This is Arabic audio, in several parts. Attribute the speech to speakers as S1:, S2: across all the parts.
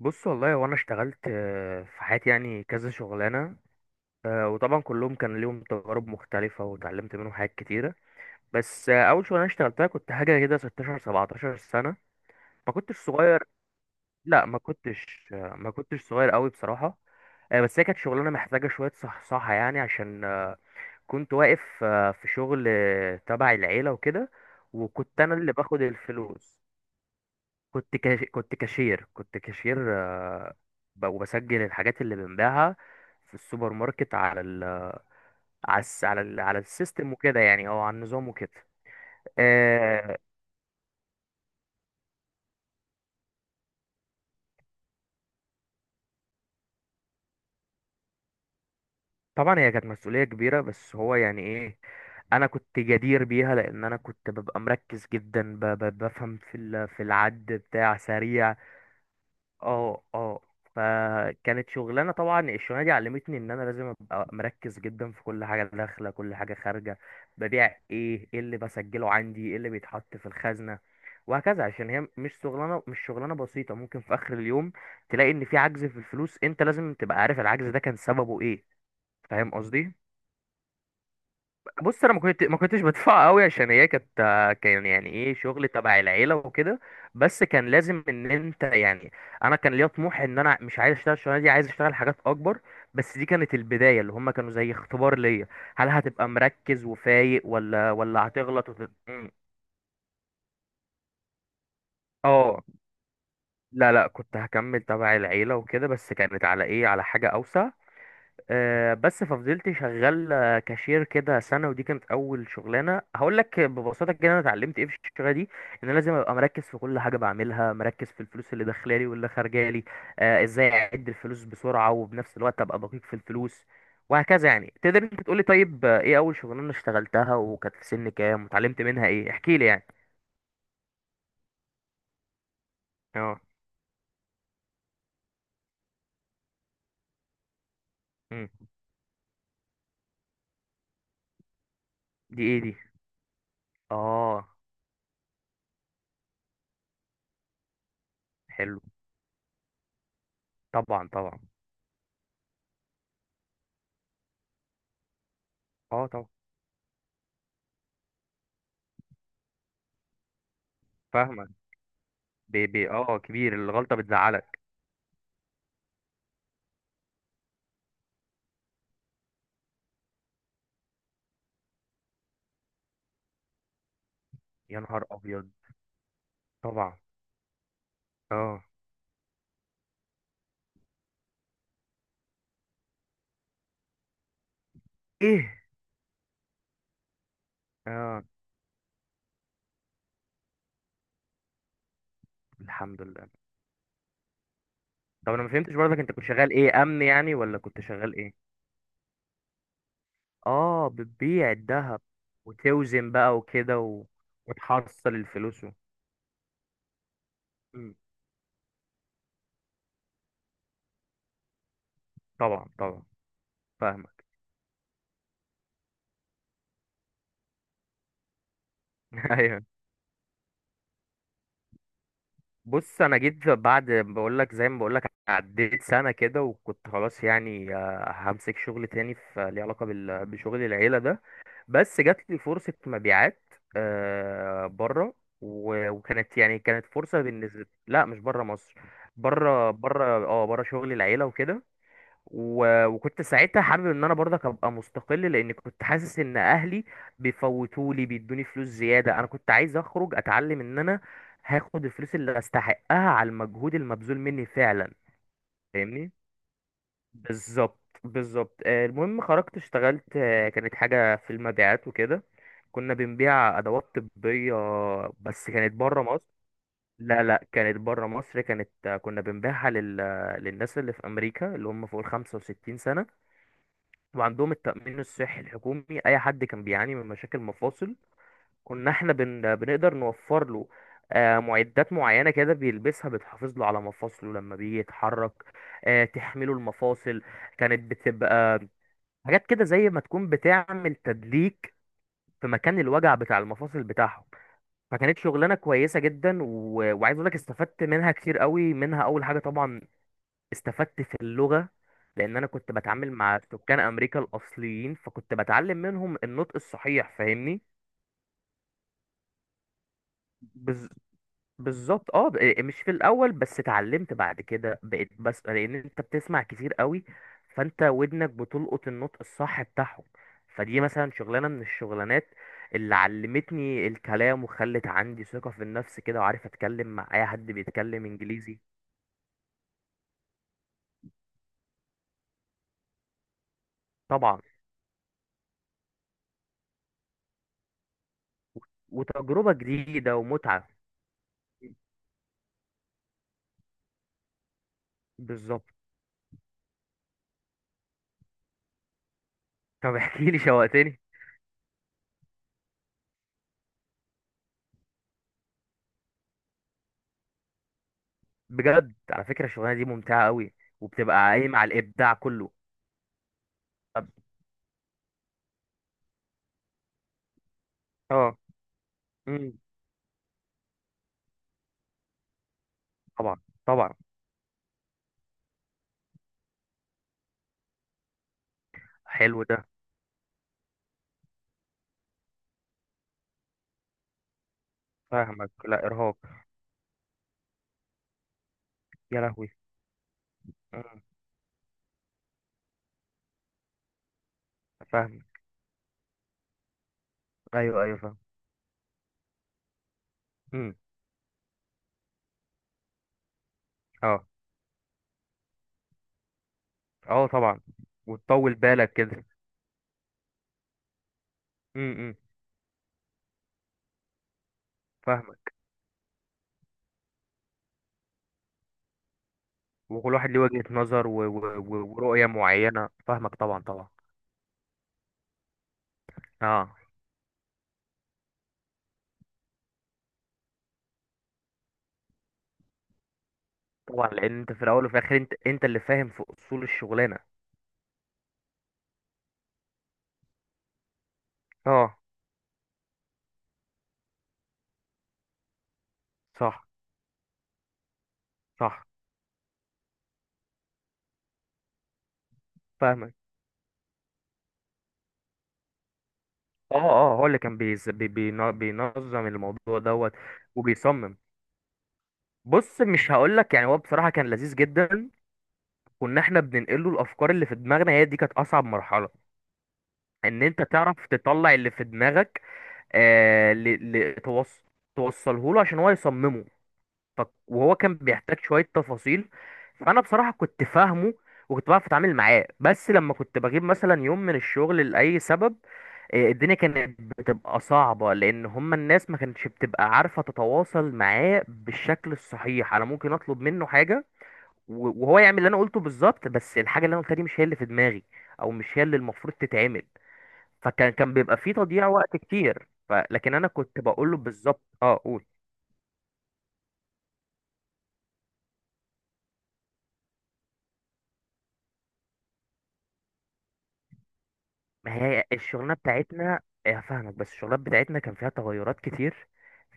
S1: بص والله وانا اشتغلت في حياتي يعني كذا شغلانه. وطبعا كلهم كان ليهم تجارب مختلفه واتعلمت منهم حاجات كتيره. بس اول شغلانه اشتغلتها كنت حاجه كده 16 17 سنه. ما كنتش صغير. لا ما كنتش صغير قوي بصراحه. بس هي كانت شغلانه محتاجه شويه صحصحه يعني عشان كنت واقف في شغل تبع العيله وكده. وكنت انا اللي باخد الفلوس. كنت كاشير وبسجل الحاجات اللي بنبيعها في السوبر ماركت على ال... على الس... على ال... على السيستم وكده يعني او على النظام وكده. آه، طبعا هي كانت مسؤولية كبيرة، بس هو يعني ايه، انا كنت جدير بيها لان انا كنت ببقى مركز جدا بفهم في العد بتاع سريع. اه اه. فكانت شغلانه، طبعا الشغلانه دي علمتني ان انا لازم ابقى مركز جدا في كل حاجه داخله كل حاجه خارجه. ببيع ايه اللي بسجله عندي، ايه اللي بيتحط في الخزنه، وهكذا. عشان هي مش شغلانه بسيطه. ممكن في اخر اليوم تلاقي ان في عجز في الفلوس، انت لازم تبقى عارف العجز ده كان سببه ايه. فاهم قصدي. بص انا ما كنتش بدفع قوي عشان هي كانت، كان يعني ايه، شغل تبع العيله وكده. بس كان لازم ان انت يعني، انا كان ليا طموح ان انا مش عايز اشتغل الشغلانه دي، عايز اشتغل حاجات اكبر. بس دي كانت البدايه، اللي هم كانوا زي اختبار ليا. هل هتبقى مركز وفايق ولا هتغلط م. اه. لا لا كنت هكمل تبع العيله وكده، بس كانت على ايه، على حاجه اوسع. بس ففضلت شغال كاشير كده سنة. ودي كانت أول شغلانة. هقول لك ببساطة كده أنا اتعلمت إيه في الشغلة دي. إن أنا لازم أبقى مركز في كل حاجة بعملها، مركز في الفلوس اللي داخلة لي واللي خارجة لي. إزاي أعد الفلوس بسرعة وبنفس الوقت أبقى دقيق في الفلوس، وهكذا يعني. تقدر أنت تقولي طيب إيه أول شغلانة اشتغلتها وكانت في سن كام واتعلمت منها إيه، احكي لي يعني. أه. مم. دي إيه دي؟ أه. حلو. طبعا طبعا. أه طبعا. فاهمك. بي بي أه كبير، الغلطة بتزعلك. يا نهار ابيض. طبعا. اه. ايه. اه. الحمد لله. طب انا ما فهمتش برضك، انت كنت شغال ايه، امن يعني ولا كنت شغال ايه؟ اه بتبيع الذهب وتوزن بقى وكده وتحصل الفلوس مم. طبعا طبعا. فاهمك. ايوه. بص انا جيت بعد، بقول لك زي ما بقول لك، عديت سنه كده وكنت خلاص يعني، همسك شغل تاني في ليه علاقه بشغل العيله ده. بس جات لي فرصة مبيعات آه بره. وكانت يعني، كانت فرصة بالنسبة لا، مش بره مصر. بره، بره، اه، بره شغل العيلة وكده. وكنت ساعتها حابب ان انا برضك ابقى مستقل، لان كنت حاسس ان اهلي بيفوتولي بيدوني فلوس زيادة. انا كنت عايز اخرج اتعلم ان انا هاخد الفلوس اللي استحقها على المجهود المبذول مني فعلا. فاهمني؟ بالظبط، بالظبط. المهم خرجت اشتغلت، كانت حاجة في المبيعات وكده. كنا بنبيع أدوات طبية، بس كانت بره مصر. لا لا، كانت بره مصر. كانت كنا بنبيعها لل... آه، للناس اللي في أمريكا اللي هم فوق ال 65 سنة وعندهم التأمين الصحي الحكومي. أي حد كان بيعاني من مشاكل مفاصل كنا احنا بنقدر نوفر له معدات معينة كده بيلبسها بتحافظ له على مفاصله لما بيجي يتحرك. تحمله المفاصل. كانت بتبقى حاجات كده زي ما تكون بتعمل تدليك في مكان الوجع بتاع المفاصل بتاعهم. فكانت شغلانه كويسه جدا. وعايز اقول لك استفدت منها كتير قوي. منها اول حاجه طبعا استفدت في اللغه، لان انا كنت بتعامل مع سكان امريكا الاصليين فكنت بتعلم منهم النطق الصحيح، فاهمني. بالظبط، اه إيه، مش في الاول بس، اتعلمت بعد كده بقيت، بس لان انت بتسمع كتير قوي فانت ودنك بتلقط النطق الصح بتاعهم. فدي مثلا شغلانه من الشغلانات اللي علمتني الكلام وخلت عندي ثقه في النفس كده، وعارف اتكلم مع اي حد بيتكلم انجليزي. طبعا. وتجربه جديده ومتعه. بالظبط. طب احكي لي، شوقتني. بجد على فكره الشغلانه دي ممتعه قوي، وبتبقى قايمه على الابداع كله. طب- اه. امم. طبعا. طبعا. حلو ده. فاهمك، لا ارهاق. يا لهوي. مم. فاهمك. ايوه ايوه فاهم. مم. اه اه. طبعا. وتطول بالك كده. امم. فاهمك. وكل واحد ليه وجهة نظر ورؤية معينة، فاهمك، طبعا طبعا. اه طبعا، لان انت في الاول وفي الاخر انت، انت اللي فاهم في اصول الشغلانة. اه. صح صح. فاهمك. اه اه. هو اللي كان بينظم الموضوع دوت وبيصمم. بص، مش هقول لك يعني، هو بصراحة كان لذيذ جدا. كنا احنا بننقله الافكار اللي في دماغنا، هي دي كانت اصعب مرحله، ان انت تعرف تطلع اللي في دماغك. آه توصله له عشان هو يصممه. ف... وهو كان بيحتاج شويه تفاصيل. فانا بصراحه كنت فاهمه وكنت بعرف اتعامل معاه. بس لما كنت بجيب مثلا يوم من الشغل لاي سبب، الدنيا كانت بتبقى صعبة، لأن هما الناس ما كانتش بتبقى عارفة تتواصل معاه بالشكل الصحيح. أنا ممكن أطلب منه حاجة وهو يعمل اللي انا قلته بالظبط، بس الحاجه اللي انا قلتها دي مش هي اللي في دماغي، او مش هي اللي المفروض تتعمل. فكان كان بيبقى فيه تضييع وقت كتير. لكن انا كنت بقول له بالظبط، اه قول. ما هي الشغلانه بتاعتنا إيه، هفهمك، بس الشغلات بتاعتنا كان فيها تغيرات كتير.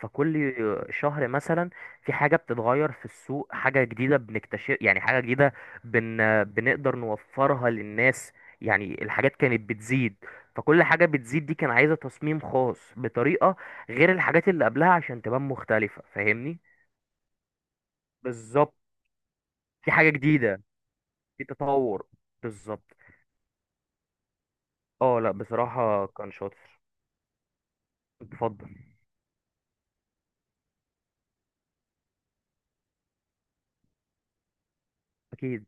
S1: فكل شهر مثلا في حاجه بتتغير في السوق، حاجه جديده بنكتشف يعني، حاجه جديده بنقدر نوفرها للناس. يعني الحاجات كانت بتزيد، فكل حاجه بتزيد دي كان عايزه تصميم خاص بطريقه غير الحاجات اللي قبلها عشان تبان مختلفه، فاهمني. بالظبط. في حاجه جديده، في تطور. بالظبط. اه لا بصراحه كان شاطر. اتفضل. اكيد.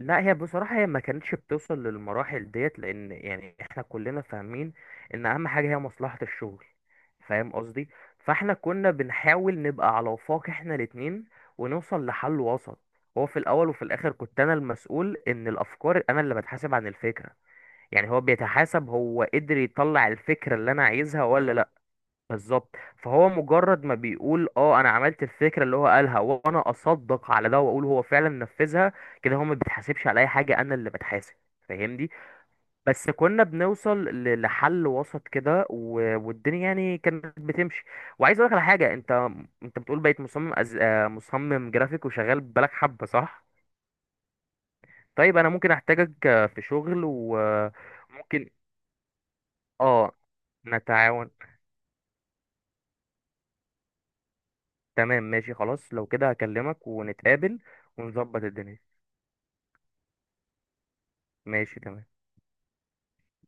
S1: لا هي بصراحة هي ما كانتش بتوصل للمراحل ديت، لأن يعني احنا كلنا فاهمين إن أهم حاجة هي مصلحة الشغل. فاهم قصدي. فاحنا كنا بنحاول نبقى على وفاق احنا الاتنين، ونوصل لحل وسط. هو في الأول وفي الآخر كنت أنا المسؤول إن الأفكار، أنا اللي بتحاسب عن الفكرة. يعني هو بيتحاسب هو قدر يطلع الفكرة اللي أنا عايزها ولا لأ. بالظبط. فهو مجرد ما بيقول اه انا عملت الفكره اللي هو قالها وانا اصدق على ده واقول هو فعلا نفذها، كده هو ما بيتحاسبش على اي حاجه، انا اللي بتحاسب. فاهمني. بس كنا بنوصل لحل وسط كده والدنيا يعني كانت بتمشي. وعايز اقول لك على حاجه، انت انت بتقول بقيت مصمم أز... آه، مصمم جرافيك وشغال بالك حبه، صح؟ طيب انا ممكن احتاجك في شغل، وممكن اه نتعاون. تمام ماشي، خلاص لو كده هكلمك ونتقابل ونظبط الدنيا. ماشي تمام.